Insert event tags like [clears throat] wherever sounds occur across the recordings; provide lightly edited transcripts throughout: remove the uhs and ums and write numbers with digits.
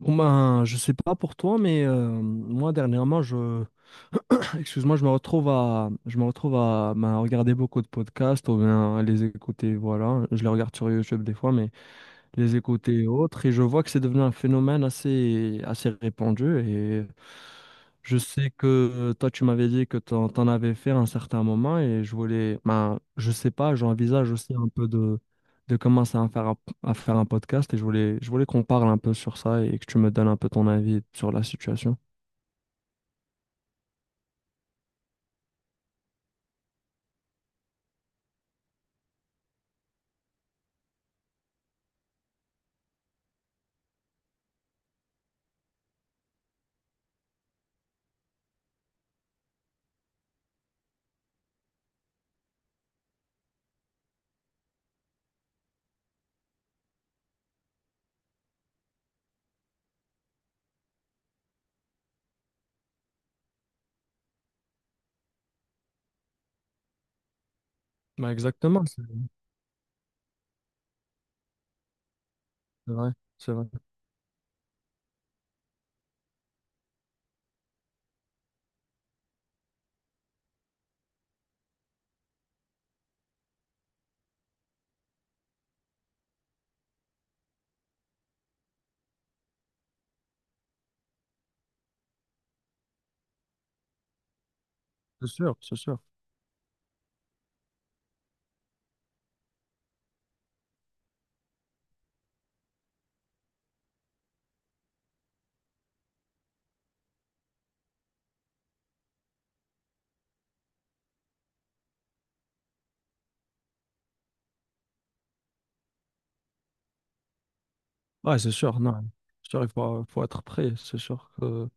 Bon ben, je sais pas pour toi, mais moi dernièrement, [laughs] [clears throat] excuse-moi, je me retrouve à ben, regarder beaucoup de podcasts ou bien à les écouter. Voilà, je les regarde sur YouTube des fois, mais les écouter et autres. Et je vois que c'est devenu un phénomène assez répandu. Et je sais que toi, tu m'avais dit que t'en avais fait à un certain moment. Et ben, je sais pas, j'envisage aussi un peu de commencer à à faire un podcast. Et je voulais qu'on parle un peu sur ça et que tu me donnes un peu ton avis sur la situation. Ben, exactement, c'est vrai. C'est sûr. Ouais, c'est sûr, non. C'est sûr, faut être prêt, c'est sûr que.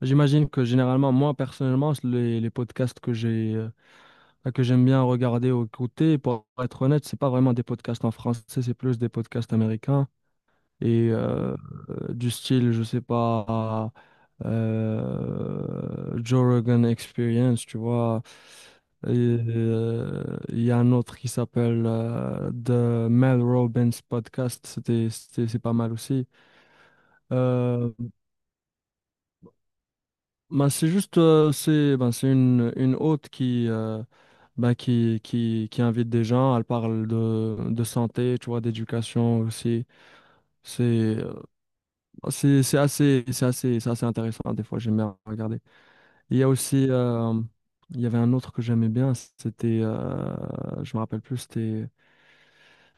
J'imagine que généralement, moi personnellement, les podcasts que que j'aime bien regarder ou écouter, pour être honnête, c'est pas vraiment des podcasts en français, c'est plus des podcasts américains et du style, je sais pas, Joe Rogan Experience, tu vois. Et, il y a un autre qui s'appelle The Mel Robbins Podcast, c'est pas mal aussi. Euh, Ben, c'est juste c'est ben, une hôte qui ben, qui invite des gens, elle parle de santé, tu vois, d'éducation aussi. C'est euh, bah, c'est assez intéressant des fois, j'aime bien regarder. Il y a aussi il y avait un autre que j'aimais bien, c'était je me rappelle plus, c'était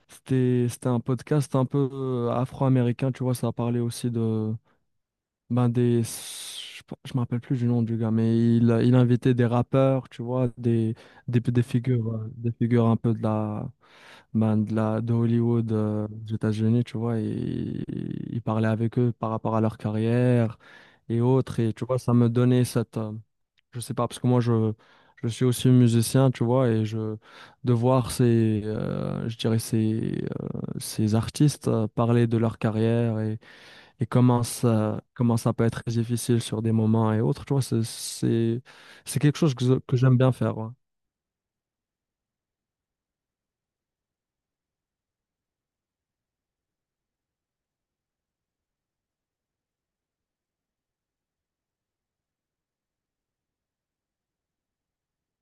c'était c'était un podcast un peu afro-américain, tu vois, ça parlait aussi de ben je me rappelle plus du nom du gars, mais il invitait des rappeurs, tu vois, des figures un peu ben, de Hollywood, aux États-Unis, tu vois, et il parlait avec eux par rapport à leur carrière et autres, et tu vois, ça me donnait je sais pas, parce que je suis aussi musicien, tu vois, de voir ces, je dirais ces, ces artistes parler de leur carrière et comment ça peut être difficile sur des moments et autres, tu vois, c'est quelque chose que j'aime bien faire. Ouais.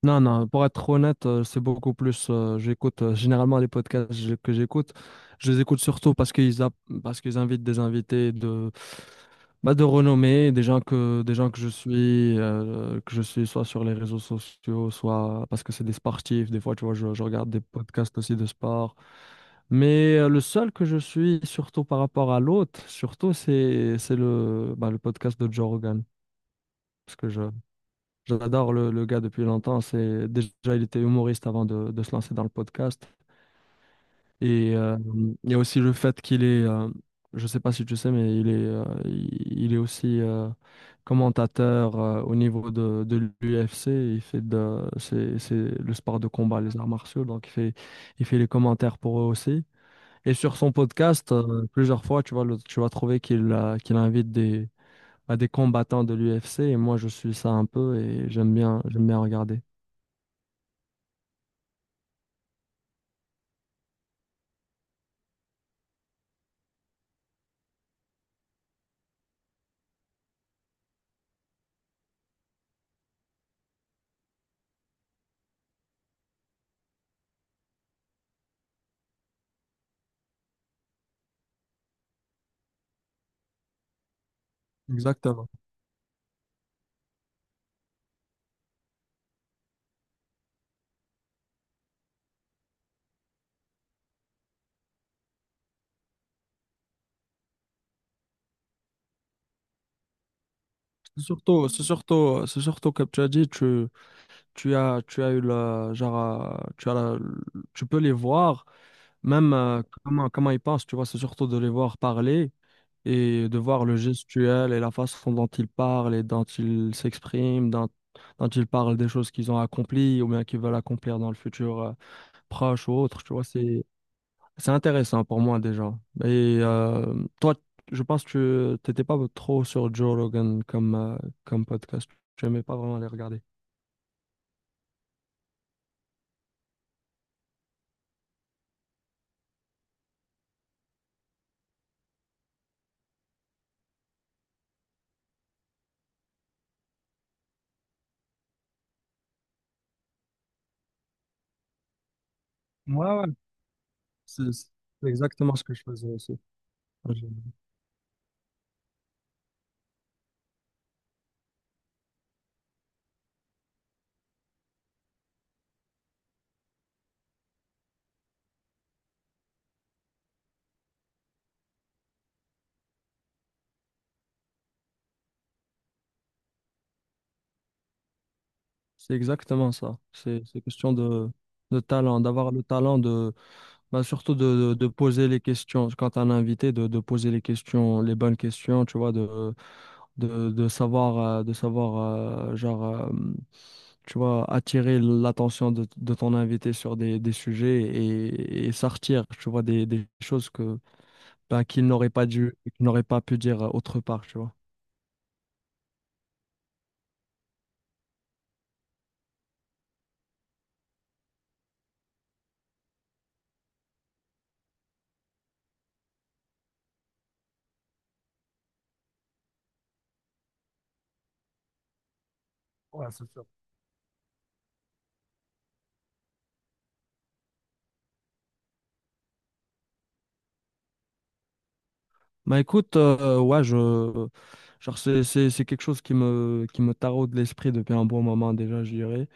Non, non, pour être honnête, c'est beaucoup plus, j'écoute, généralement les podcasts que j'écoute, je les écoute surtout parce qu'ils parce qu'ils invitent des invités bah, de renommée, des gens que je suis soit sur les réseaux sociaux, soit parce que c'est des sportifs, des fois, tu vois, je regarde des podcasts aussi de sport. Mais le seul que je suis, surtout par rapport à l'autre, surtout, c'est bah, le podcast de Joe Rogan. Parce que je, j'adore le gars depuis longtemps. C'est, déjà, il était humoriste avant de se lancer dans le podcast. Et il y a aussi le fait qu'il est, je ne sais pas si tu sais, mais il est aussi commentateur au niveau de l'UFC. C'est le sport de combat, les arts martiaux. Donc, il fait les commentaires pour eux aussi. Et sur son podcast, plusieurs fois, tu vas trouver qu'il invite à des combattants de l'UFC. Et moi, je suis ça un peu et j'aime bien regarder. Exactement. C'est surtout comme tu as dit, tu as eu le, tu peux les voir, même comment ils pensent, tu vois, c'est surtout de les voir parler et de voir le gestuel et la façon dont ils parlent et dont ils s'expriment, dont ils parlent des choses qu'ils ont accomplies ou bien qu'ils veulent accomplir dans le futur proche ou autre, tu vois, c'est intéressant pour moi déjà. Et toi, je pense que tu t'étais pas trop sur Joe Rogan comme, comme podcast. Tu n'aimais pas vraiment les regarder. Ouais, ouais. C'est exactement ce que je faisais aussi. Je- C'est exactement ça. C'est question de talent, d'avoir le talent de bah, surtout de poser les questions, quand tu as un invité, de poser les questions, les bonnes questions, tu vois, de savoir tu vois, attirer l'attention de ton invité sur des sujets et sortir, tu vois, des choses que, bah, qu'il n'aurait pas dû, qu'il n'aurait pas pu dire autre part, tu vois. Ouais, c'est sûr. Bah écoute, ouais, genre c'est quelque chose qui me taraude l'esprit depuis un bon moment déjà, je dirais.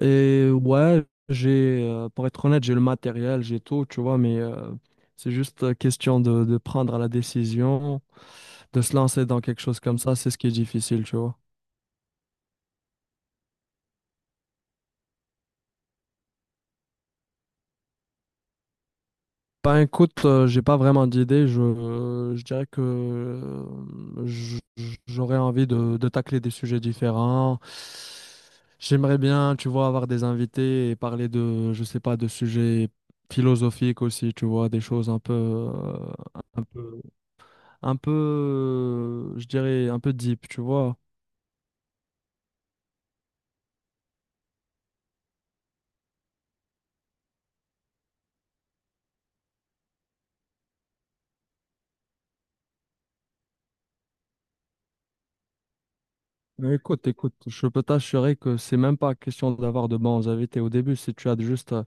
Et ouais, pour être honnête, j'ai le matériel, j'ai tout, tu vois, mais c'est juste question de prendre la décision, de se lancer dans quelque chose comme ça, c'est ce qui est difficile, tu vois. Ben écoute, j'ai pas vraiment d'idée, je dirais que j'aurais envie de tacler des sujets différents. J'aimerais bien, tu vois, avoir des invités et parler de, je sais pas, de sujets philosophiques aussi, tu vois, des choses un peu, un peu je dirais, un peu deep, tu vois. Mais écoute, je peux t'assurer que c'est même pas question d'avoir de bons invités au début. Si tu as juste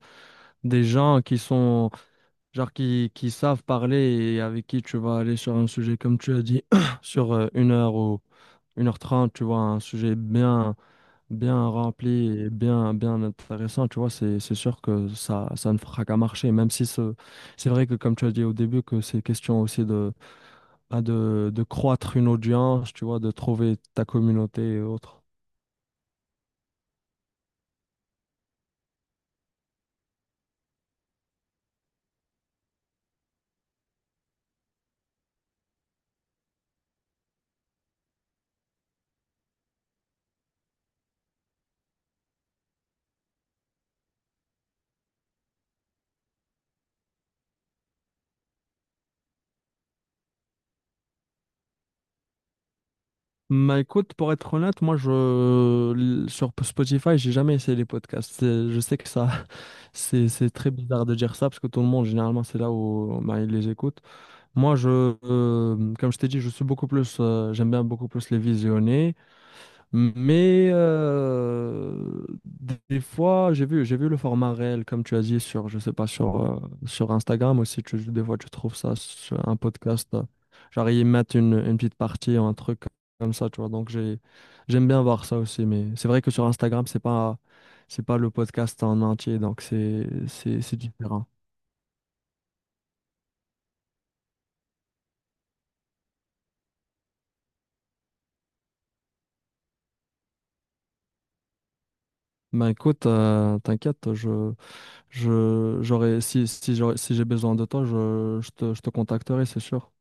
des gens qui sont, genre, qui savent parler et avec qui tu vas aller sur un sujet, comme tu as dit, [clears throat] sur une heure ou une heure trente, tu vois, un sujet bien rempli et bien intéressant, tu vois, c'est sûr que ça ne fera qu'à marcher, même si c'est vrai que, comme tu as dit au début, que c'est question aussi bah, de croître une audience, tu vois, de trouver ta communauté et autres. Bah écoute, pour être honnête, sur Spotify, j'ai jamais essayé les podcasts. C'est, je sais que ça [laughs] c'est très bizarre de dire ça parce que tout le monde généralement c'est là où bah, ils les écoutent. Moi je comme je t'ai dit, je suis beaucoup plus j'aime bien beaucoup plus les visionner. Mais des fois, j'ai vu le format réel, comme tu as dit, je sais pas, sur Instagram aussi. Des fois, tu trouves ça sur un podcast. Genre, ils mettent une petite partie ou un truc comme ça, tu vois. Donc, j'aime bien voir ça aussi. Mais c'est vrai que sur Instagram, c'est pas le podcast en entier. Donc, c'est différent. Ben écoute, t'inquiète, je, j'aurais, si, si, j'aurais- si j'ai besoin de toi, je te contacterai, c'est sûr.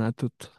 À toute.